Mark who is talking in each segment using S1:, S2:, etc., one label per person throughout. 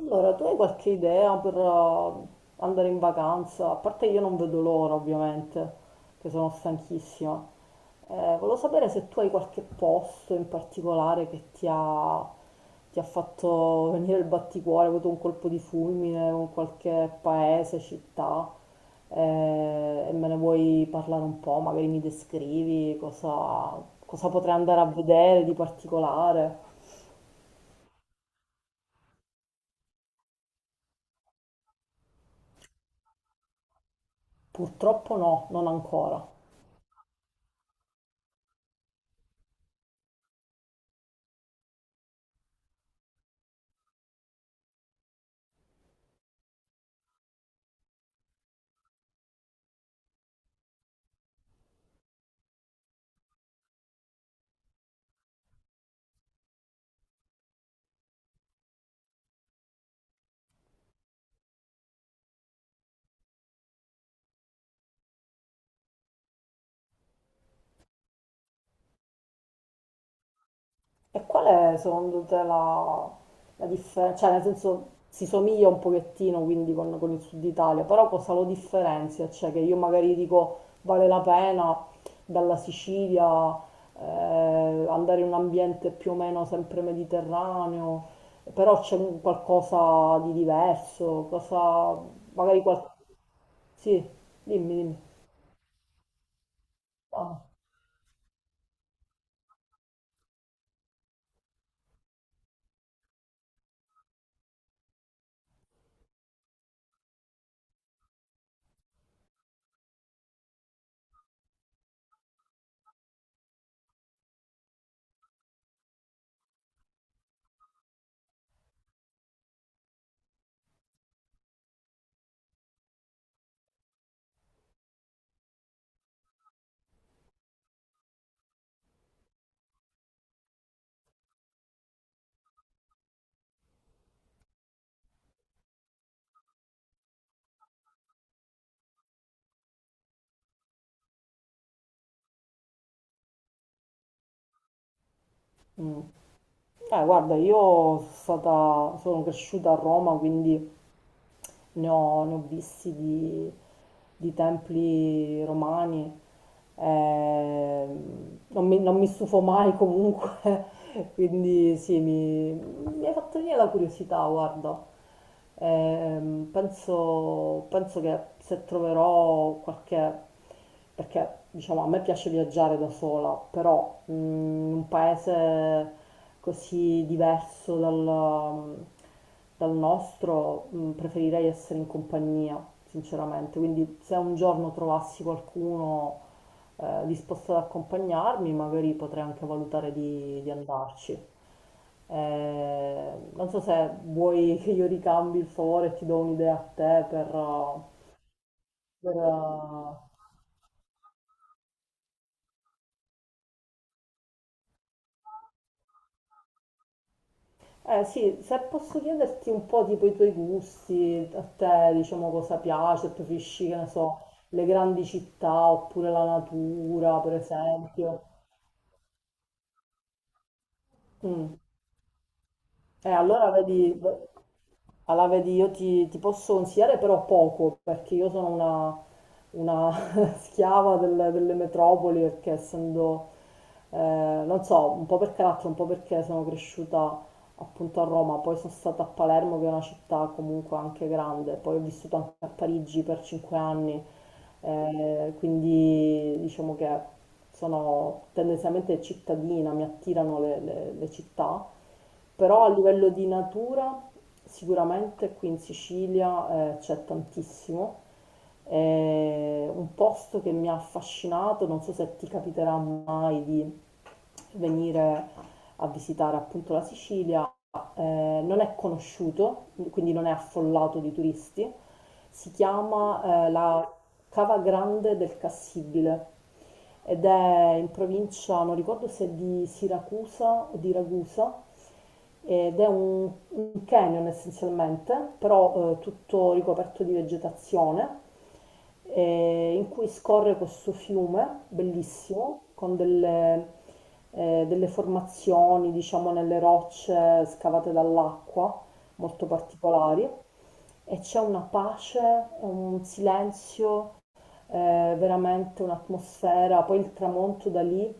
S1: Allora, tu hai qualche idea per andare in vacanza? A parte io non vedo l'ora, ovviamente, che sono stanchissima. Volevo sapere se tu hai qualche posto in particolare che ti ha fatto venire il batticuore, hai avuto un colpo di fulmine con qualche paese, città, e me ne vuoi parlare un po', magari mi descrivi cosa potrei andare a vedere di particolare. Purtroppo no, non ancora. E qual è secondo te la differenza? Cioè, nel senso, si somiglia un pochettino quindi con il Sud Italia, però cosa lo differenzia? Cioè, che io magari dico vale la pena dalla Sicilia eh, andare in un ambiente più o meno sempre mediterraneo, però c'è un qualcosa di diverso, cosa, magari qualcosa... Sì, dimmi, dimmi. Ah, mm. Guarda, io sono cresciuta a Roma, quindi ne ho visti di templi romani, non mi stufo mai comunque, quindi sì, mi hai fatto venire la curiosità, guarda. Penso che se troverò qualche... Perché diciamo a me piace viaggiare da sola, però in un paese così diverso dal nostro preferirei essere in compagnia, sinceramente. Quindi se un giorno trovassi qualcuno disposto ad accompagnarmi, magari potrei anche valutare di andarci. Non so se vuoi che io ricambi il favore e ti do un'idea a te per, eh sì, se posso chiederti un po' tipo i tuoi gusti, a te diciamo cosa piace, preferisci che ne so, le grandi città oppure la natura per esempio. Mm. Eh, allora vedi... Allora, vedi, io ti posso consigliare però poco, perché io sono una schiava delle metropoli, perché essendo, non so, un po' per carattere, un po' perché sono cresciuta appunto a Roma, poi sono stata a Palermo, che è una città comunque anche grande, poi ho vissuto anche a Parigi per 5 anni, quindi diciamo che sono tendenzialmente cittadina, mi attirano le città, però a livello di natura sicuramente qui in Sicilia c'è tantissimo. È un posto che mi ha affascinato, non so se ti capiterà mai di venire a visitare appunto la Sicilia, ma non è conosciuto, quindi non è affollato di turisti. Si chiama la Cava Grande del Cassibile ed è in provincia, non ricordo se è di Siracusa o di Ragusa, ed è un canyon essenzialmente, però tutto ricoperto di vegetazione, in cui scorre questo fiume bellissimo, con delle formazioni, diciamo, nelle rocce scavate dall'acqua, molto particolari, e c'è una pace, un silenzio, eh, veramente un'atmosfera, poi il tramonto da lì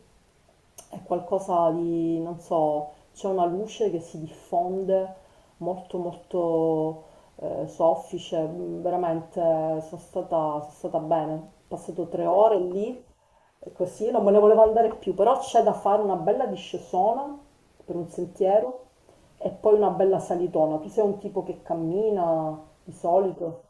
S1: è qualcosa di, non so, c'è una luce che si diffonde molto molto soffice, veramente sono stata bene. Ho passato 3 ore lì e così non me ne volevo andare più, però c'è da fare una bella discesona per un sentiero e poi una bella salitona. Tu sei un tipo che cammina di solito?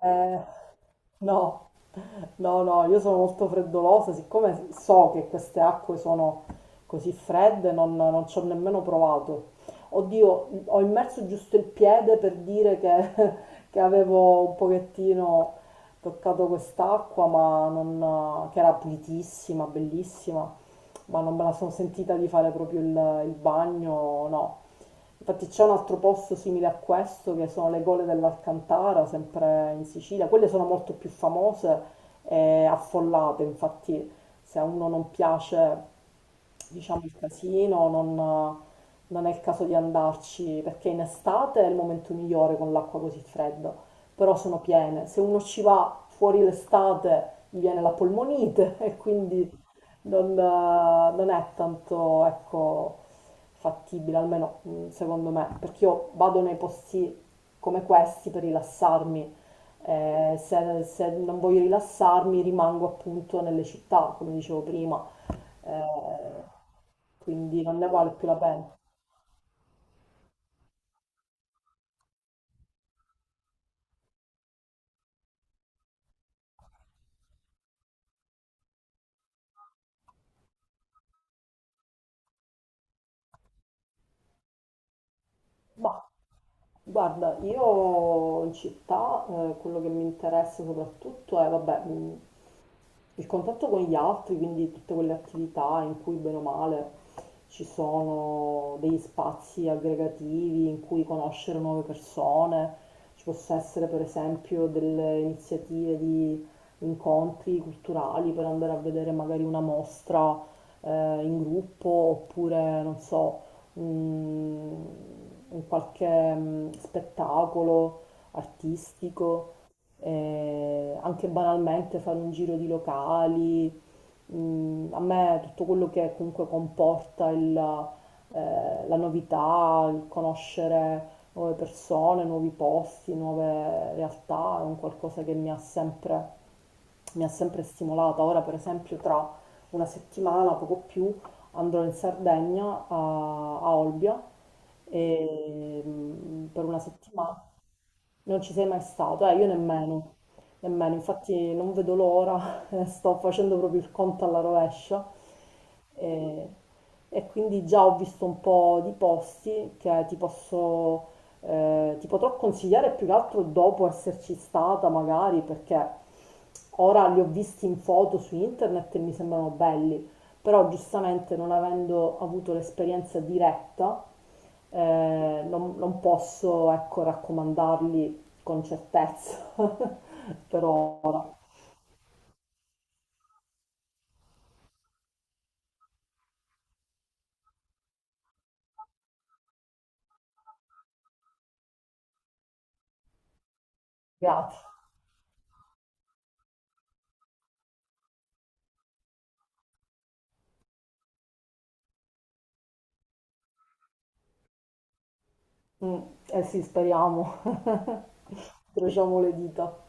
S1: Eh, no. No, no, io sono molto freddolosa, siccome so che queste acque sono così fredde, non ci ho nemmeno provato. Oddio, ho immerso giusto il piede per dire che, che avevo un pochettino toccato quest'acqua, ma non, che era pulitissima, bellissima, ma non me la sono sentita di fare proprio il bagno, no. Infatti c'è un altro posto simile a questo che sono le gole dell'Alcantara, sempre in Sicilia. Quelle sono molto più famose e affollate, infatti se a uno non piace, diciamo, il casino, non è il caso di andarci, perché in estate è il momento migliore con l'acqua così fredda, però sono piene. Se uno ci va fuori l'estate gli viene la polmonite e quindi non è tanto, ecco, fattibile, almeno secondo me, perché io vado nei posti come questi per rilassarmi. Se non voglio rilassarmi, rimango appunto nelle città, come dicevo prima. Eh, quindi non ne vale più la pena. Ma guarda, io in città quello che mi interessa soprattutto è, vabbè, il contatto con gli altri, quindi tutte quelle attività in cui bene o male ci sono degli spazi aggregativi in cui conoscere nuove persone, ci possa essere per esempio delle iniziative di incontri culturali per andare a vedere magari una mostra eh, in gruppo oppure non so, un, un qualche spettacolo artistico anche banalmente fare un giro di locali, a me tutto quello che comunque comporta la novità, il conoscere nuove persone, nuovi posti, nuove realtà, è un qualcosa che mi ha sempre stimolata. Ora, per esempio, tra una settimana, poco più, andrò in Sardegna a, a Olbia e, per una settimana. Non ci sei mai stato, io nemmeno, nemmeno, infatti non vedo l'ora, sto facendo proprio il conto alla rovescia e, quindi già ho visto un po' di posti che ti potrò consigliare più che altro dopo esserci stata magari perché ora li ho visti in foto su internet e mi sembrano belli, però giustamente non avendo avuto l'esperienza diretta non posso, ecco, raccomandarli con certezza per ora. Grazie. Mm, eh sì, speriamo, incrociamo le dita.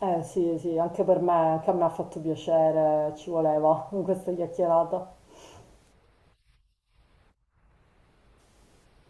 S1: Eh sì, sì, anche per me, anche a me ha fatto piacere, ci voleva questa chiacchierata.